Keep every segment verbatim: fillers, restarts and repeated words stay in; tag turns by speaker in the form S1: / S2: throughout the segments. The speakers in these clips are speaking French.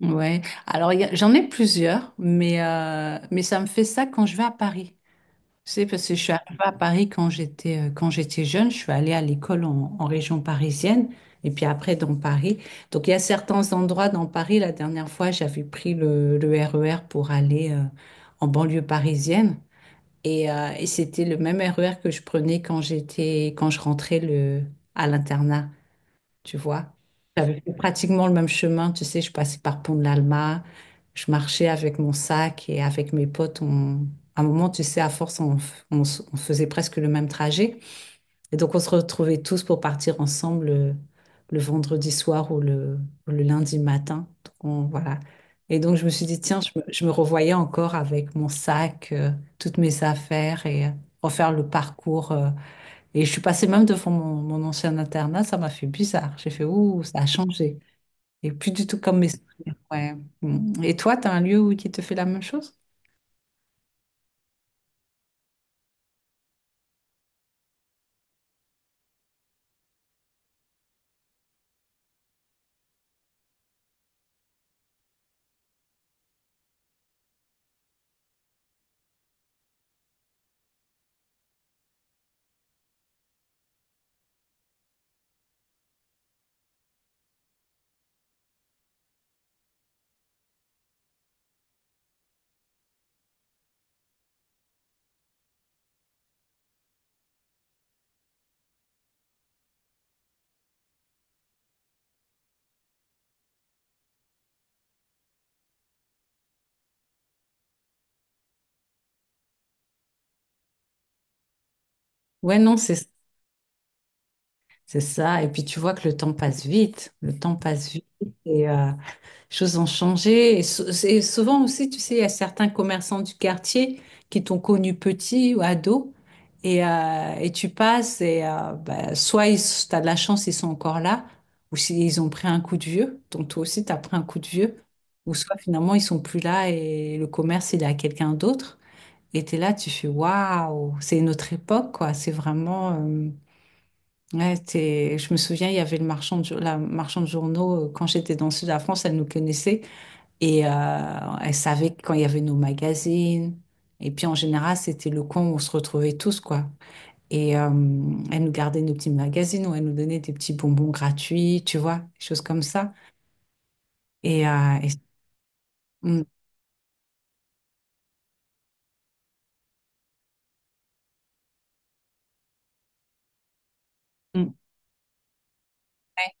S1: Ouais, alors il y a- j'en ai plusieurs, mais, euh, mais ça me fait ça quand je vais à Paris. Tu sais, parce que je suis arrivée à Paris quand j'étais euh, quand j'étais jeune, je suis allée à l'école en, en région parisienne et puis après dans Paris. Donc il y a certains endroits dans Paris, la dernière fois j'avais pris le, le R E R pour aller euh, en banlieue parisienne et, euh, et c'était le même R E R que je prenais quand j'étais quand je rentrais le, à l'internat tu vois. J'avais fait pratiquement le même chemin, tu sais, je passais par Pont de l'Alma, je marchais avec mon sac et avec mes potes, on... à un moment, tu sais, à force, on, f- on s- on faisait presque le même trajet. Et donc, on se retrouvait tous pour partir ensemble euh, le, vendredi soir ou le, ou le lundi matin. Donc, on- voilà. Et donc, je me suis dit, tiens, je me, je me revoyais encore avec mon sac, euh, toutes mes affaires et euh, refaire le parcours. Euh, et je suis passée même devant mon, mon ancien internat, ça m'a fait bizarre. J'ai fait, ouh, ça a changé. Et plus du tout comme mes souvenirs. Ouais. Mm. Et toi, tu as un lieu où qui te fait la même chose? Ouais, non, c'est c'est ça. Et puis tu vois que le temps passe vite. Le temps passe vite. Et, euh, choses ont changé. Et, sou- et souvent aussi, tu sais, il y a certains commerçants du quartier qui t'ont connu petit ou ado. Et, euh, et tu passes et euh, bah, soit ils, t'as de la chance, ils sont encore là, ou s'ils ont pris un coup de vieux, donc toi aussi t'as pris un coup de vieux, ou soit finalement ils sont plus là et le commerce il est à quelqu'un d'autre. Et t'es là, tu fais waouh, c'est une autre époque quoi. C'est vraiment, euh, ouais, t'es- je me souviens, il y avait le marchand de, jour- la marchande de journaux euh, quand j'étais dans le sud de la France, elle nous connaissait. Et euh, elle savait quand il y avait nos magazines. Et puis en général, c'était le coin où on se retrouvait tous, quoi. Et euh, elle nous gardait nos petits magazines ou elle nous donnait des petits bonbons gratuits, tu vois, des choses comme ça. Et, euh, et- Mm, mm. Ouais,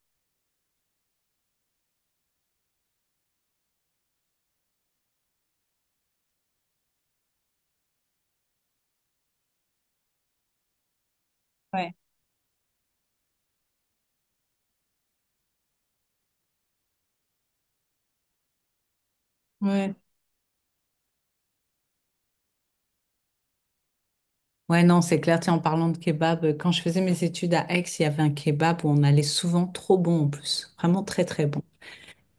S1: ouais, ouais. Ouais, non, c'est clair. Tiens, en parlant de kebab, euh, quand je faisais mes études à Aix, il y avait un kebab où on allait souvent, trop bon en plus, vraiment très très bon.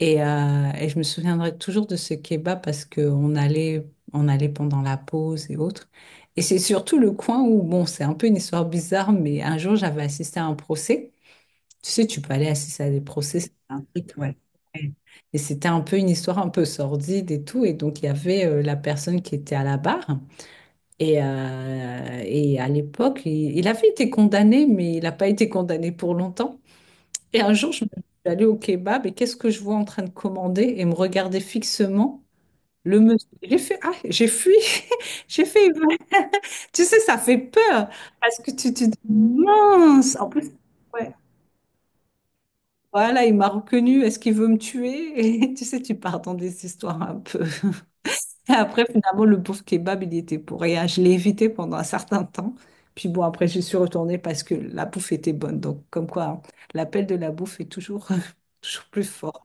S1: Et, euh, et je me souviendrai toujours de ce kebab parce qu'on allait, on allait pendant la pause et autres. Et c'est surtout le coin où, bon, c'est un peu une histoire bizarre, mais un jour, j'avais assisté à un procès. Tu sais, tu peux aller assister à des procès, c'est un truc, ouais. Ouais. Et c'était un peu une histoire un peu sordide et tout. Et donc, il y avait euh, la personne qui était à la barre. Et, euh, et à l'époque, il, il avait été condamné, mais il n'a pas été condamné pour longtemps. Et un jour, je me- je suis allée au kebab et qu'est-ce que je vois en train de commander et me regarder fixement le monsieur. J'ai fait, ah, j'ai fui, j'ai fait, tu sais, ça fait peur parce que tu te dis, mince, en plus, ouais, voilà, il m'a reconnu, est-ce qu'il veut me tuer? Et tu sais, tu pars dans des histoires un peu. Et après, finalement, le pauvre kebab, il y était pour rien. Je l'ai évité pendant un certain temps. Puis bon, après, j'y suis retournée parce que la bouffe était bonne. Donc, comme quoi, hein, l'appel de la bouffe est toujours, toujours plus fort.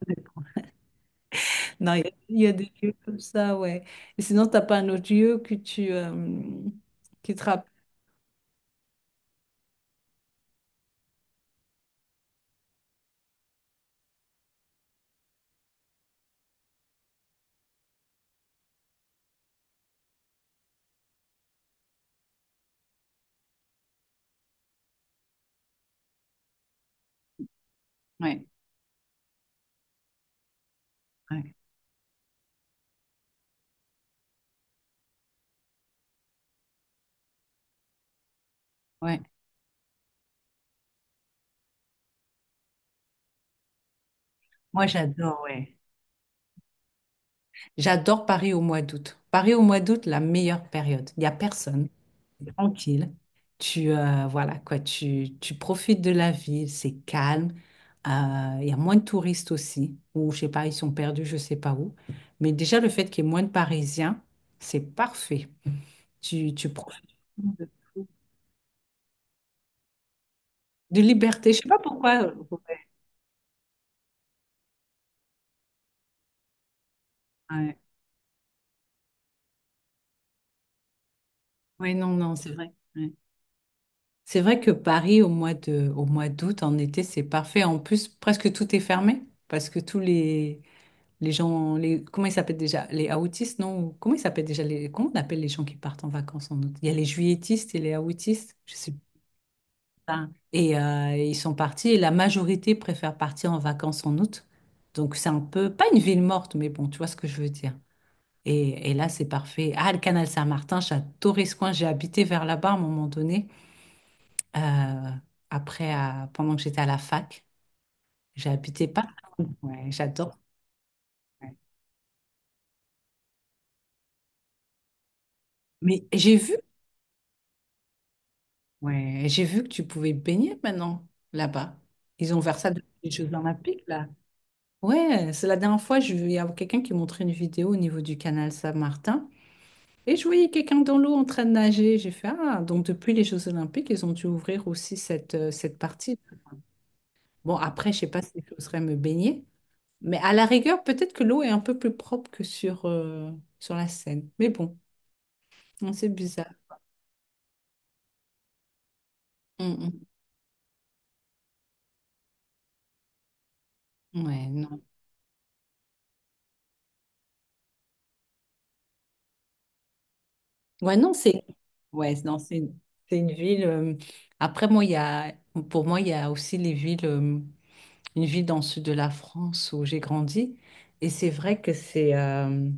S1: Non, il y, a il y a des lieux comme ça, ouais. Et sinon, t'as pas un autre lieu que tu euh, qui te rappelle. Ouais, ouais, ouais. Moi, j'adore, ouais. J'adore Paris au mois d'août. Paris au mois d'août, la meilleure période. Il n'y a personne. C'est tranquille. Tu, euh, voilà, quoi. Tu, tu profites de la ville. C'est calme. Euh, Il y a moins de touristes aussi. Ou, je sais pas, ils sont perdus, je sais pas où. Mais déjà, le fait qu'il y ait moins de Parisiens, c'est parfait. Tu, tu profites. De tout. De liberté, je sais pas pourquoi. euh, Ouais, ouais. Ouais, non, non, c'est vrai. Ouais. C'est vrai que Paris, au mois de, au mois d'août, en été, c'est parfait. En plus, presque tout est fermé parce que tous les, les gens, les, comment ils s'appellent déjà? Les aoûtistes, non? Ou comment ils s'appellent déjà les, comment on appelle les gens qui partent en vacances en août? Il y a les juilletistes et les aoûtistes, je sais pas. Et euh, ils sont partis et la majorité préfère partir en vacances en août. Donc, c'est un peu, pas une ville morte, mais bon, tu vois ce que je veux dire. Et, et là, c'est parfait. Ah, le canal Saint-Martin, j'adorais ce coin. J'ai habité vers là-bas à un moment donné. Euh, après, à- pendant que j'étais à la fac, j'ai habité pas. Ouais, j'adore. Ouais. Mais j'ai vu, ouais, j'ai vu que tu pouvais baigner maintenant là-bas. Ils ont ouvert ça depuis les Jeux Olympiques, là. Ouais, c'est la dernière fois, je- il y a quelqu'un qui montrait une vidéo au niveau du canal Saint-Martin. Et je voyais quelqu'un dans l'eau en train de nager. J'ai fait, ah, donc depuis les Jeux Olympiques, ils ont dû ouvrir aussi cette, euh, cette partie. Bon, après, je sais pas si j'oserais me baigner, mais à la rigueur, peut-être que l'eau est un peu plus propre que sur, euh, sur la Seine. Mais bon, non, c'est bizarre. Mm, mm. Ouais, non. Ouais, non, c'est ouais, non, c'est une, c'est une ville. euh, Après, moi, il y a, pour moi, il y a aussi les villes, euh, une ville dans le sud de la France où j'ai grandi. Et c'est vrai que c'est euh,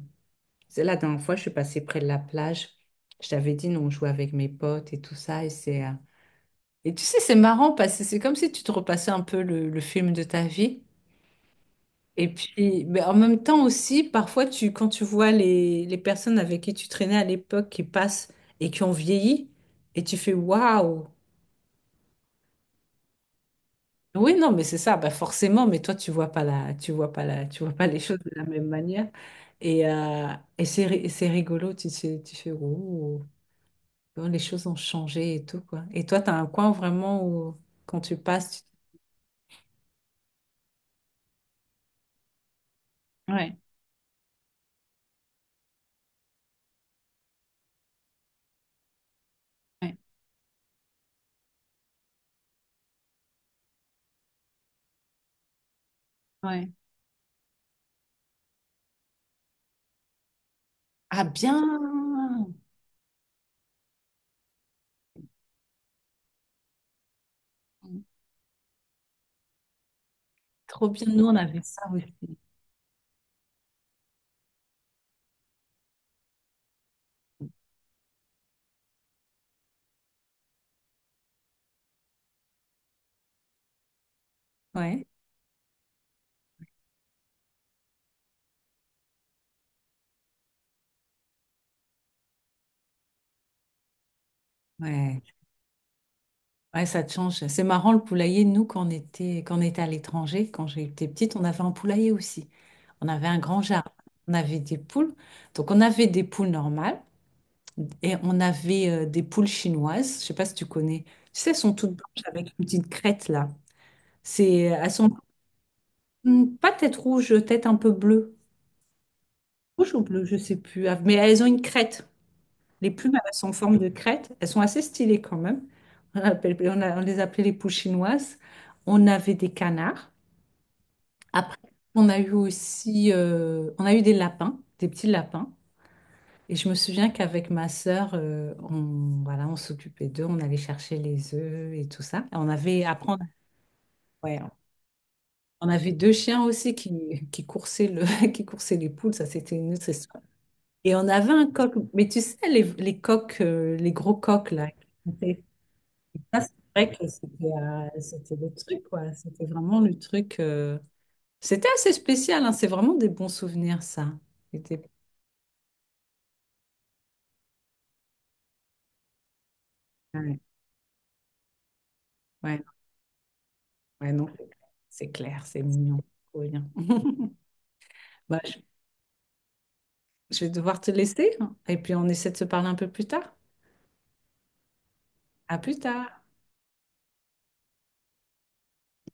S1: c'est la dernière fois, je suis passée près de la plage. Je t'avais dit, nous, on jouait avec mes potes et tout ça. Et c'est euh, et tu sais, c'est marrant parce que c'est comme si tu te repassais un peu le, le film de ta vie. Et puis, mais en même temps aussi, parfois, tu, quand tu vois les, les personnes avec qui tu traînais à l'époque qui passent et qui ont vieilli, et tu fais waouh! Oui, non, mais c'est ça, bah forcément, mais toi, tu vois pas la, tu vois pas la, tu vois pas les choses de la même manière. Et, euh, et c'est ri- et c'est rigolo, tu, sais- tu fais oh, comment les choses ont changé et tout, quoi. Et toi, tu as un coin vraiment où, quand tu passes, tu... Ouais, ouais, ouais. Ah bien! Trop bien, nous on avait ça aussi. Ouais, ouais, ouais, ça te change. C'est marrant le poulailler. Nous, quand on était, quand on était à l'étranger, quand j'étais petite, on avait un poulailler aussi. On avait un grand jardin. On avait des poules. Donc on avait des poules normales et on avait euh, des poules chinoises. Je sais pas si tu connais. Tu sais, elles sont toutes blanches avec une petite crête là. C'est, elles sont hmm, pas tête rouge, tête un peu bleue. Rouge ou bleu, je sais plus. Ah, mais elles ont une crête. Les plumes, elles sont en forme de crête. Elles sont assez stylées quand même. On appelle- on a- on les appelait les poules chinoises. On avait des canards. Après, on a eu aussi, euh, on a eu des lapins, des petits lapins. Et je me souviens qu'avec ma sœur, euh, on, voilà, on s'occupait d'eux, on allait chercher les œufs et tout ça. Et on avait, après, on, ouais, on avait deux chiens aussi qui, qui coursaient le, qui coursaient les poules. Ça, c'était une autre histoire. Et on avait un coq. Mais tu sais, les, les coqs, euh, les gros coqs là. Ça, c'est vrai que c'était euh, c'était le truc, quoi. C'était vraiment le truc. euh, C'était assez spécial, hein. C'est vraiment des bons souvenirs, ça. C'était... Ouais, ouais, ouais, non. C'est clair, c'est mignon. Trop bien. Bah, je je vais devoir te laisser hein. Et puis on essaie de se parler un peu plus tard. À plus tard.